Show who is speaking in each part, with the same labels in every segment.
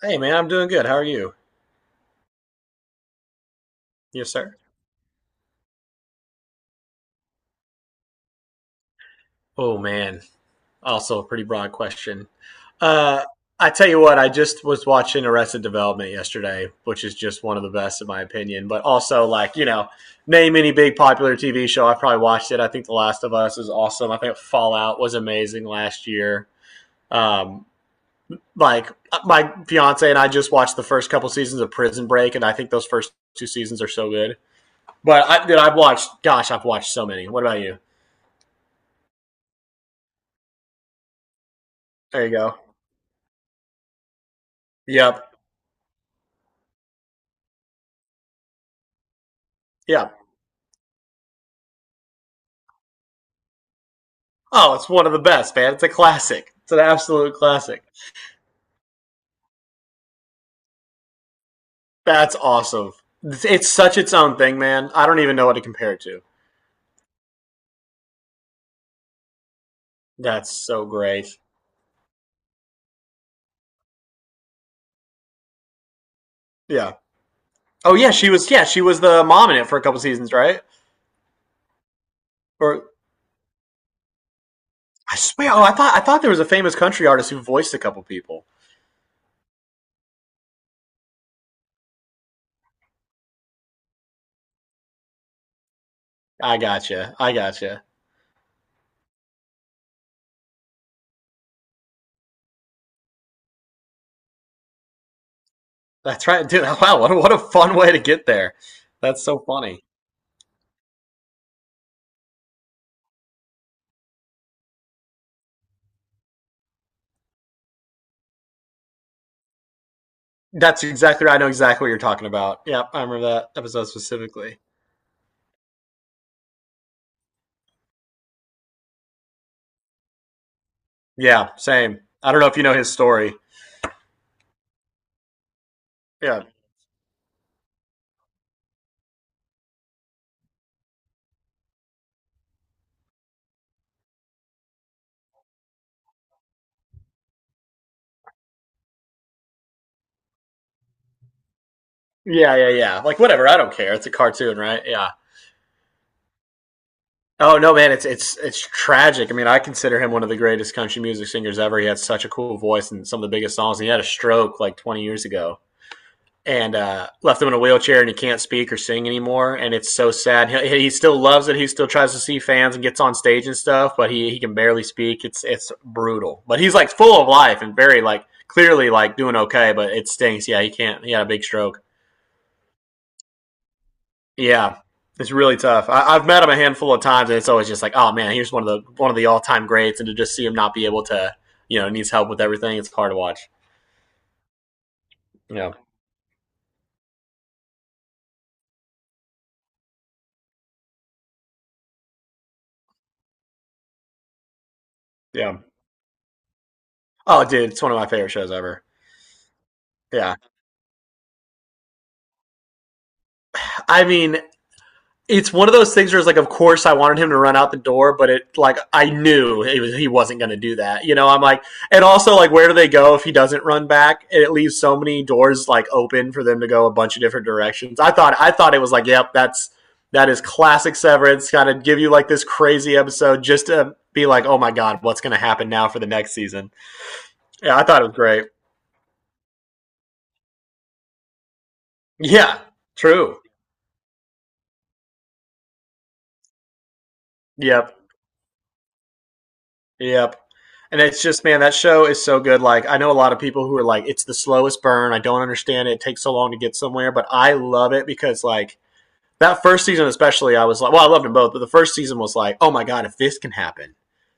Speaker 1: Hey man, I'm doing good. How are you? Yes, sir. Oh man, also a pretty broad question. Uh, I tell you what, I just was watching Arrested Development yesterday, which is just one of the best in my opinion. But also, name any big popular TV show, I probably watched it. I think The Last of Us is awesome. I think Fallout was amazing last year. Um, my fiance and I just watched the first couple seasons of Prison Break, and I think those first two seasons are so good. But dude, I've watched, gosh, I've watched so many. What about you? There you go. Yep. Yep. Oh, it's one of the best, man. It's a classic. It's an absolute classic. That's awesome. It's such its own thing, man. I don't even know what to compare it to. That's so great. Yeah. Oh yeah, she was. Yeah, she was the mom in it for a couple seasons, right? Or I swear. Oh, I thought there was a famous country artist who voiced a couple people. I gotcha. I gotcha. That's right, dude. Wow, what a fun way to get there. That's so funny. That's exactly right. I know exactly what you're talking about. Yep, I remember that episode specifically. Yeah, same. I don't know if you know his story. Yeah. Yeah, yeah, yeah. Like whatever, I don't care. It's a cartoon, right? Yeah. Oh no, man, it's tragic. I mean, I consider him one of the greatest country music singers ever. He had such a cool voice and some of the biggest songs. And he had a stroke like 20 years ago, and left him in a wheelchair, and he can't speak or sing anymore. And it's so sad. He still loves it. He still tries to see fans and gets on stage and stuff, but he can barely speak. It's brutal. But he's like full of life and very like clearly like doing okay. But it stinks. Yeah, he can't. He had a big stroke. Yeah, it's really tough. I've met him a handful of times, and it's always just like, oh man, here's one of the all time greats, and to just see him not be able to, you know, needs help with everything. It's hard to watch. Yeah, yeah. Oh, dude, it's one of my favorite shows ever. Yeah, I mean, it's one of those things where it's like, of course, I wanted him to run out the door, but it like I knew it was, he wasn't going to do that. You know, I'm like, and also like, where do they go if he doesn't run back? And it leaves so many doors like open for them to go a bunch of different directions. I thought it was like, yep, that is classic Severance. Kind of give you like this crazy episode just to be like, oh my god, what's going to happen now for the next season? Yeah, I thought it was great. Yeah, true. Yep. Yep. And it's just, man, that show is so good. Like, I know a lot of people who are like, it's the slowest burn. I don't understand it. It takes so long to get somewhere. But I love it because, like, that first season, especially, I was like, well, I loved them both. But the first season was like, oh my God, if this can happen,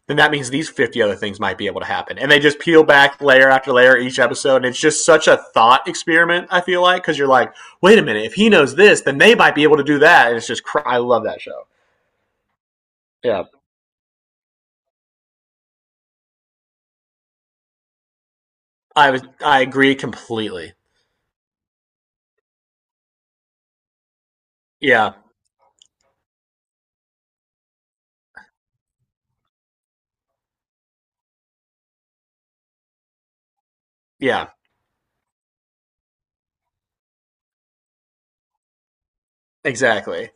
Speaker 1: then that means these 50 other things might be able to happen. And they just peel back layer after layer each episode. And it's just such a thought experiment, I feel like, because you're like, wait a minute, if he knows this, then they might be able to do that. And it's just, I love that show. Yeah. I agree completely. Yeah. Yeah. Exactly.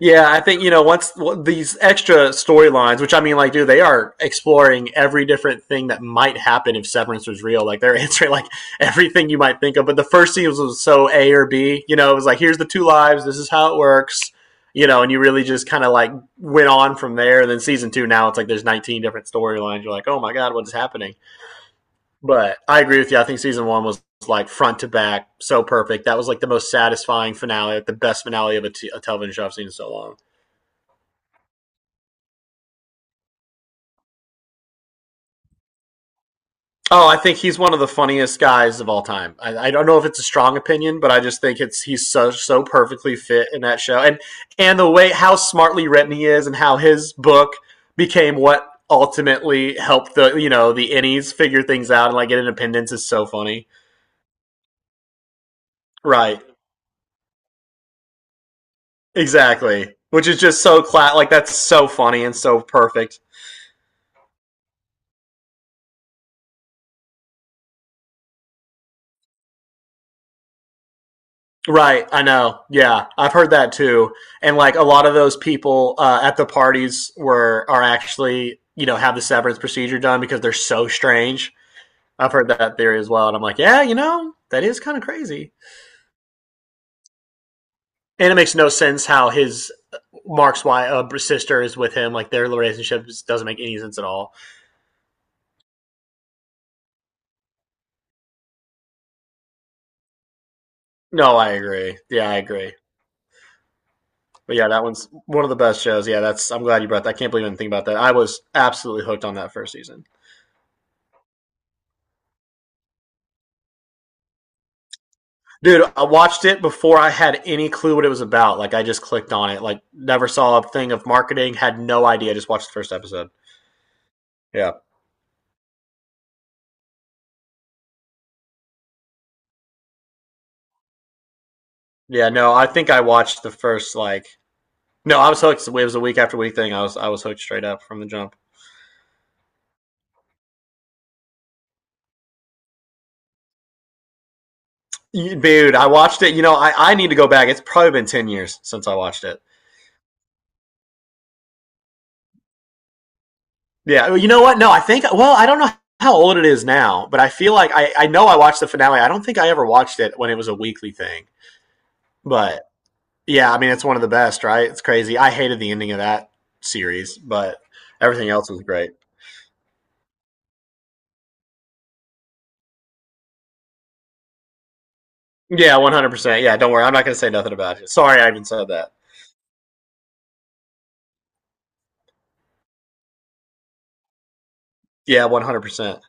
Speaker 1: Yeah, I think you know once well, these extra storylines, which I mean, like, dude, they are exploring every different thing that might happen if Severance was real. Like, they're answering like everything you might think of. But the first season was so A or B. You know, it was like, here's the two lives. This is how it works. You know, and you really just kind of like went on from there. And then season two, now it's like there's 19 different storylines. You're like, oh my god, what is happening? But I agree with you. I think season one was like front to back, so perfect. That was like the most satisfying finale, like the best finale of a television show I've seen in so long. Oh, I think he's one of the funniest guys of all time. I don't know if it's a strong opinion, but I just think it's he's so so perfectly fit in that show, and the way how smartly written he is, and how his book became what ultimately helped the you know the innies figure things out and like get independence is so funny. Right. Exactly. Which is just so like that's so funny and so perfect. Right, I know. Yeah, I've heard that too. And like a lot of those people at the parties were are actually, you know, have the severance procedure done because they're so strange. I've heard that theory as well and I'm like, yeah, you know, that is kind of crazy. And it makes no sense how his Mark's wife, sister is with him. Like their relationship just doesn't make any sense at all. No, I agree. Yeah, I agree. But yeah, that one's one of the best shows. Yeah, that's. I'm glad you brought that. I can't believe I think about that. I was absolutely hooked on that first season, dude. I watched it before I had any clue what it was about. Like I just clicked on it. Like never saw a thing of marketing. Had no idea. Just watched the first episode. Yeah, yeah. No, I think I watched the first like. No, I was hooked. It was a week after week thing. I was hooked straight up from the jump. Dude, I watched it. You know, I need to go back. It's probably been 10 years since I watched it. Yeah, well, you know what? No, I think. Well, I don't know how old it is now, but I feel like I know I watched the finale. I don't think I ever watched it when it was a weekly thing. But yeah, I mean, it's one of the best, right? It's crazy. I hated the ending of that series, but everything else was great. Yeah, 100%. Yeah, don't worry. I'm not gonna say nothing about it. Sorry, I even said that. Yeah, 100%.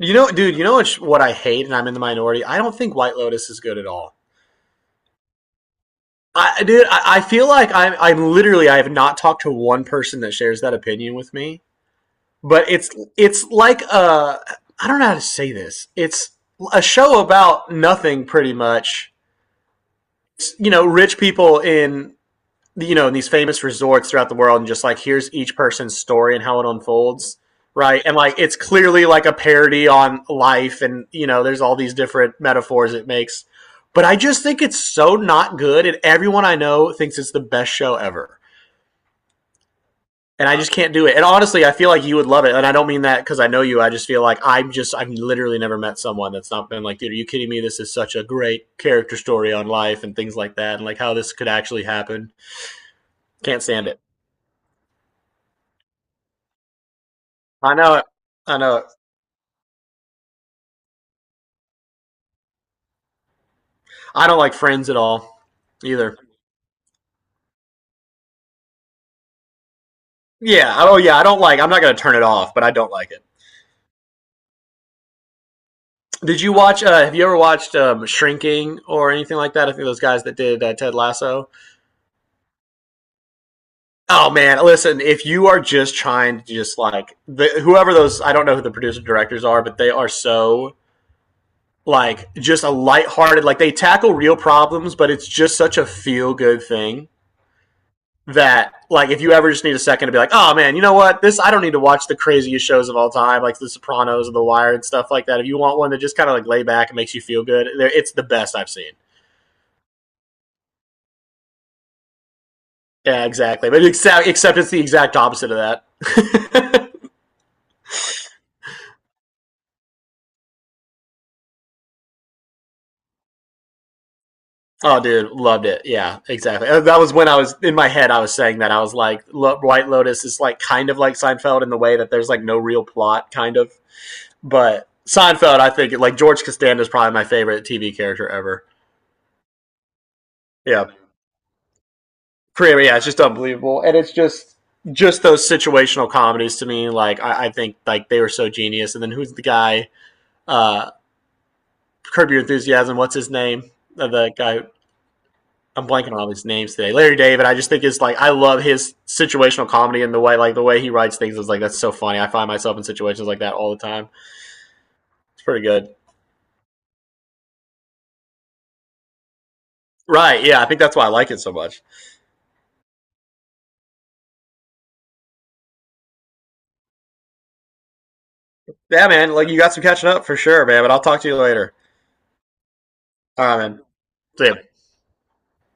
Speaker 1: You know, dude. You know what? What I hate, and I'm in the minority. I don't think White Lotus is good at all. Dude, I feel like I'm literally, I have not talked to one person that shares that opinion with me, but it's like a, I don't know how to say this. It's a show about nothing, pretty much. It's, you know, rich people in you know in these famous resorts throughout the world, and just like here's each person's story and how it unfolds, right? And like it's clearly like a parody on life, and you know, there's all these different metaphors it makes. But I just think it's so not good, and everyone I know thinks it's the best show ever. And I just can't do it. And honestly, I feel like you would love it. And I don't mean that because I know you. I just feel like I'm just I've literally never met someone that's not been like, dude, are you kidding me? This is such a great character story on life and things like that, and like how this could actually happen. Can't stand it. I know it. I know it. I don't like Friends at all either. Yeah. Oh yeah. I don't like. I'm not gonna turn it off, but I don't like it. Did you watch? Have you ever watched Shrinking or anything like that? I think those guys that did Ted Lasso. Oh man, listen, if you are just trying to just whoever those, I don't know who the producer directors are, but they are so like just a lighthearted like they tackle real problems, but it's just such a feel good thing that like if you ever just need a second to be like, "Oh man, you know what? This I don't need to watch the craziest shows of all time like The Sopranos and The Wire and stuff like that. If you want one that just kind of like lay back and makes you feel good, it's the best I've seen." Yeah, exactly. But except it's the exact opposite of that. Oh, dude, loved it. Yeah, exactly. That was when I was in my head. I was saying that I was like, White Lotus is like kind of like Seinfeld in the way that there's like no real plot, kind of. But Seinfeld, I think like George Costanza is probably my favorite TV character ever. Yeah, Kramer. Yeah, it's just unbelievable, and it's just those situational comedies to me. Like I think like they were so genius. And then who's the guy? Uh, Curb Your Enthusiasm. What's his name? The guy I'm blanking on all these names today. Larry David, I just think is like I love his situational comedy and the way he writes things is like that's so funny. I find myself in situations like that all the time. It's pretty good. Right, yeah, I think that's why I like it so much. Yeah, man, like you got some catching up for sure, man, but I'll talk to you later. All right, man. See ya.